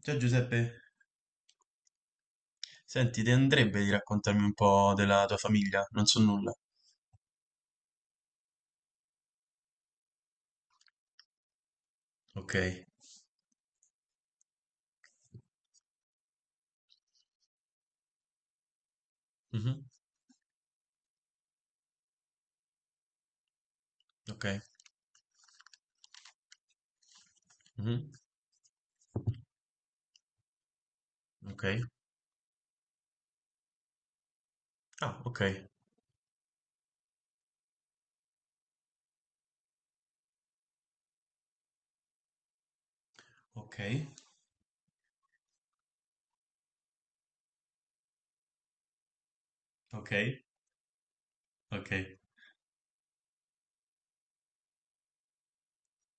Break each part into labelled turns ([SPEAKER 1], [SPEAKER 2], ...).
[SPEAKER 1] Ciao Giuseppe, senti, ti andrebbe di raccontarmi un po' della tua famiglia? Non so nulla. Ok. Mhm. Ok. Mhm. Ok. Ah, ok. Ok. Ok. Ok.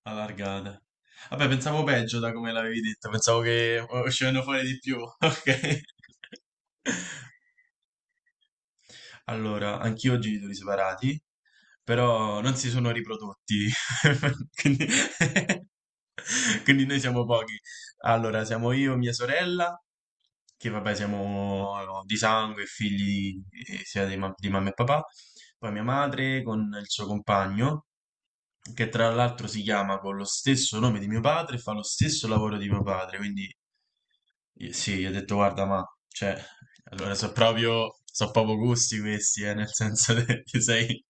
[SPEAKER 1] Allargata. Vabbè, pensavo peggio da come l'avevi detto, pensavo che uscivano fuori di più. Ok. Allora, anch'io ho genitori separati, però non si sono riprodotti. Quindi. Quindi noi siamo pochi. Allora, siamo io, mia sorella che vabbè siamo no, di sangue, figli sia di, di mamma e papà, poi mia madre con il suo compagno, che tra l'altro si chiama con lo stesso nome di mio padre e fa lo stesso lavoro di mio padre, quindi sì, gli ho detto guarda ma, cioè, allora so proprio gusti questi, nel senso che ti sei,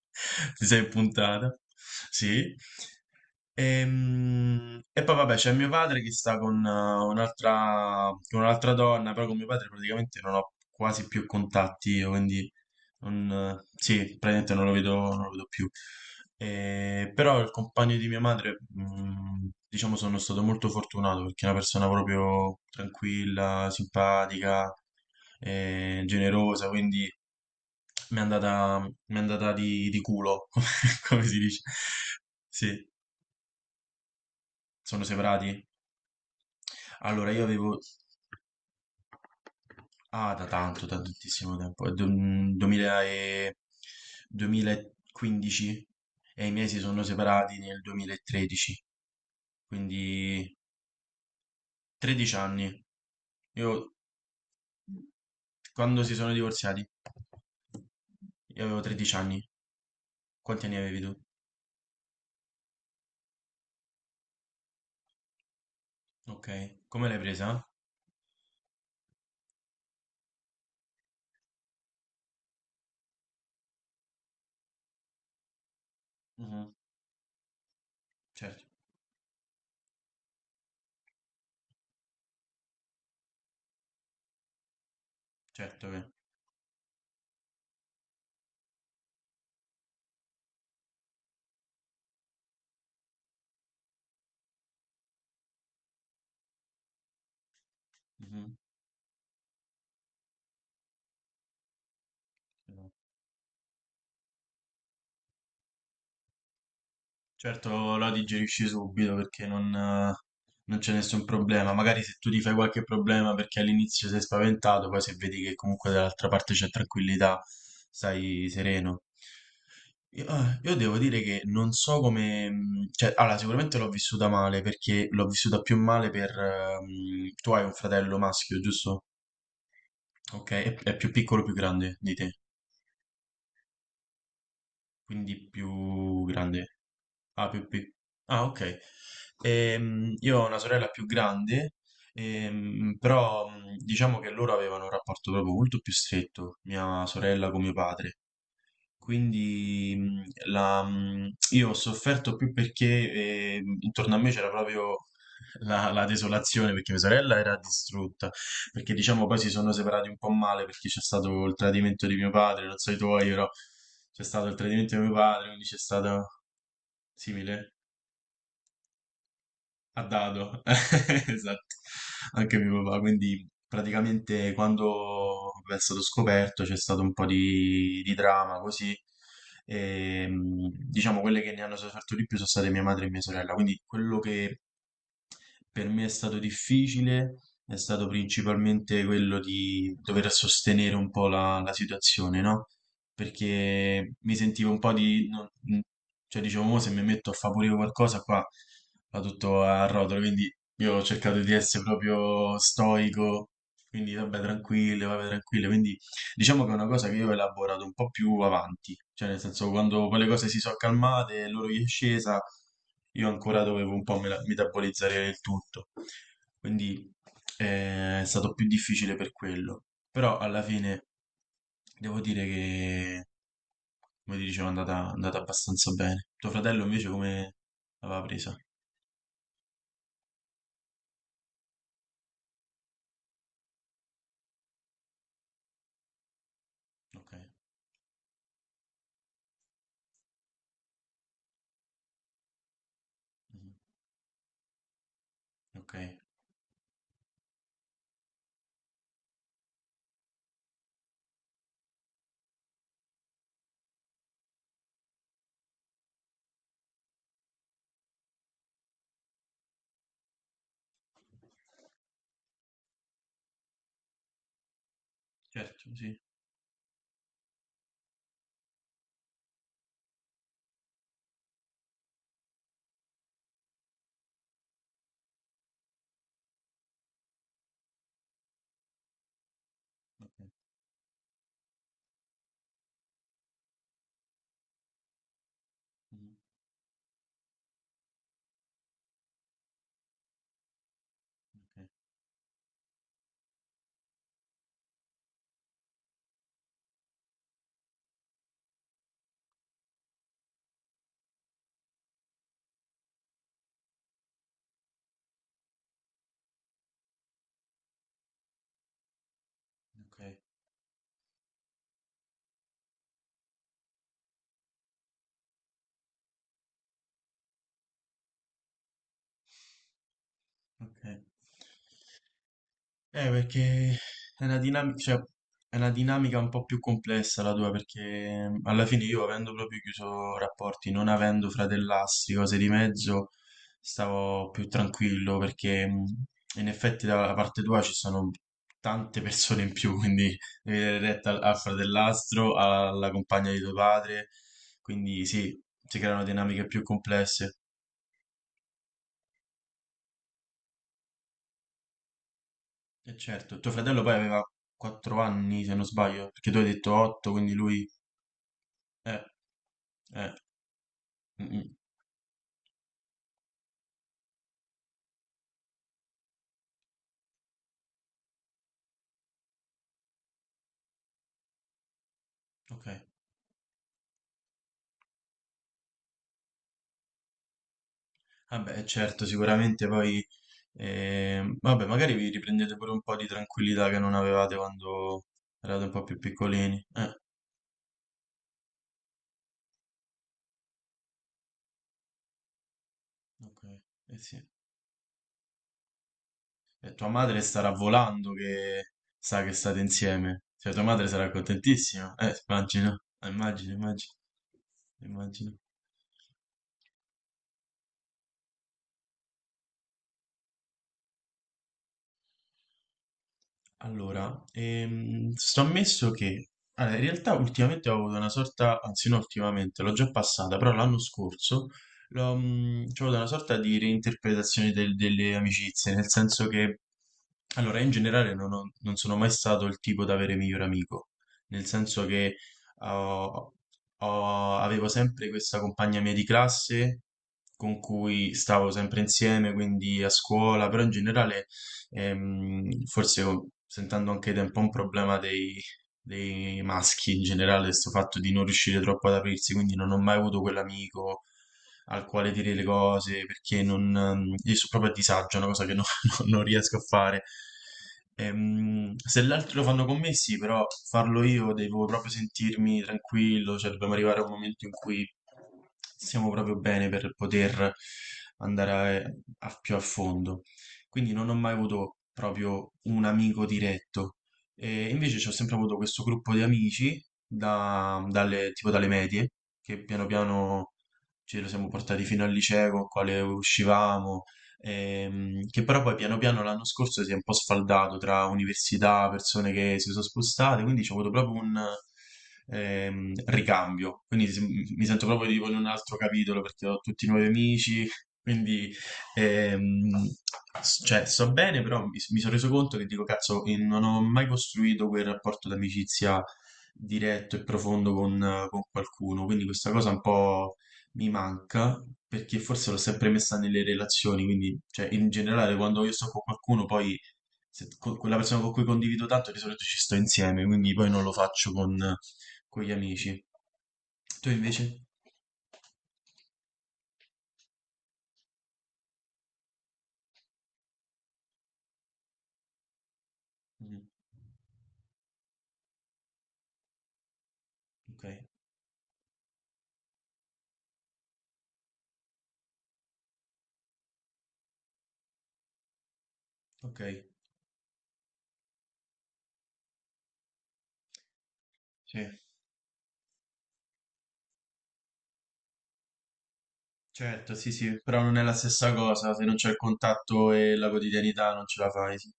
[SPEAKER 1] ti sei puntata, sì. E, poi vabbè c'è mio padre che sta con un'altra donna, però con mio padre praticamente non ho quasi più contatti, io, quindi non, sì, praticamente non lo vedo, non lo vedo più. Però il compagno di mia madre, diciamo, sono stato molto fortunato perché è una persona proprio tranquilla, simpatica, generosa, quindi mi è andata di culo, come si dice. Sì, sono separati. Allora, io avevo. Ah, da tanto, da tantissimo tempo, è 2015 e i miei si sono separati nel 2013, quindi 13 anni. Io, quando si sono divorziati, io avevo 13 anni. Quanti anni avevi tu? Ok, come l'hai presa? Mhm. Certo, certo che. Mhm. Certo, la digerisci subito perché non c'è nessun problema. Magari se tu ti fai qualche problema perché all'inizio sei spaventato, poi se vedi che comunque dall'altra parte c'è tranquillità, stai sereno. Io devo dire che non so come. Cioè, allora, sicuramente l'ho vissuta male perché l'ho vissuta più male per. Tu hai un fratello maschio, giusto? Ok, è più piccolo o più grande di te, quindi più grande. Ah, Ah, ok. Io ho una sorella più grande, però diciamo che loro avevano un rapporto proprio molto più stretto, mia sorella con mio padre. Quindi io ho sofferto più perché intorno a me c'era proprio la desolazione, perché mia sorella era distrutta, perché diciamo poi si sono separati un po' male perché c'è stato il tradimento di mio padre, non so i tuoi, però c'è stato il tradimento di mio padre, quindi c'è stato simile. A dado, esatto, anche mio papà, quindi praticamente quando è stato scoperto c'è stato un po' di drama così, e, diciamo quelle che ne hanno sofferto di più sono state mia madre e mia sorella, quindi quello che per me è stato difficile, è stato principalmente quello di dover sostenere un po' la situazione, no? Perché mi sentivo un po' di. Cioè dicevo, "Mo se mi metto a favorire qualcosa qua va tutto a rotolo, quindi io ho cercato di essere proprio stoico, quindi vabbè tranquillo, quindi Diciamo che è una cosa che io ho elaborato un po' più avanti, cioè nel senso quando poi le cose si sono calmate e loro gli è scesa, io ancora dovevo un po' metabolizzare il tutto, quindi è stato più difficile per quello, però alla fine devo dire che, come ti dicevo, è andata abbastanza bene. Tuo fratello invece come l'aveva presa? Ok. Mhm. Ok, certo, sì. Mhm. Ok, ok, ok. Perché è una dinamica, cioè, è una dinamica un po' più complessa la tua, perché alla fine io avendo proprio chiuso rapporti, non avendo fratellastri, cose di mezzo, stavo più tranquillo, perché in effetti dalla parte tua ci sono tante persone in più, quindi devi dare retta al fratellastro, alla compagna di tuo padre, quindi sì, si creano dinamiche più complesse. E certo, tuo fratello poi aveva 4 anni, se non sbaglio, perché tu hai detto 8, quindi lui. Eh, eh, mm, mm, ok. Vabbè, certo, sicuramente poi. Vabbè, magari vi riprendete pure un po' di tranquillità che non avevate quando eravate un po' più piccolini. Ok, eh sì. E tua madre starà volando che sa che state insieme. Cioè, tua madre sarà contentissima. Immagino, immagino, immagino, immagino. Allora, sto ammesso che allora, in realtà ultimamente ho avuto una sorta, anzi no, ultimamente l'ho già passata, però l'anno scorso l'ho, c'ho avuto una sorta di reinterpretazione delle amicizie, nel senso che allora in generale non, non sono mai stato il tipo da avere miglior amico, nel senso che ho- avevo sempre questa compagna mia di classe con cui stavo sempre insieme, quindi a scuola, però in generale. Forse oh, sentendo anche da un po' un problema dei maschi in generale, questo fatto di non riuscire troppo ad aprirsi, quindi non ho mai avuto quell'amico al quale dire le cose, perché non, io sono proprio a disagio, è una cosa che non, non riesco a fare. Se gli altri lo fanno con me, sì, però farlo io devo proprio sentirmi tranquillo, cioè dobbiamo arrivare a un momento in cui siamo proprio bene per poter andare a più a fondo quindi non ho mai avuto proprio un amico diretto. E invece ci ho sempre avuto questo gruppo di amici, tipo dalle medie, che piano piano ce lo siamo portati fino al liceo, con il quale uscivamo, che però poi piano piano l'anno scorso si è un po' sfaldato tra università, persone che si sono spostate, quindi ho avuto proprio un ricambio. Quindi mi sento proprio tipo in un altro capitolo perché ho tutti nuovi amici, quindi Ehm, cioè, sto bene, però mi sono reso conto che dico, cazzo, non ho mai costruito quel rapporto d'amicizia diretto e profondo con qualcuno, quindi questa cosa un po' mi manca, perché forse l'ho sempre messa nelle relazioni, quindi, cioè, in generale, quando io sto con qualcuno, poi con quella persona con cui condivido tanto, di solito ci sto insieme, quindi poi non lo faccio con gli amici. Tu invece? Mm, ok, ok, sì. Certo, sì, sì, però non è la stessa cosa, se non c'è il contatto e la quotidianità non ce la fai, sì.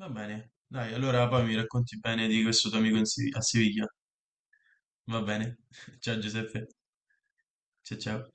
[SPEAKER 1] Va bene, dai, allora poi mi racconti bene di questo tuo amico in a Siviglia, va bene? Ciao Giuseppe, ciao ciao.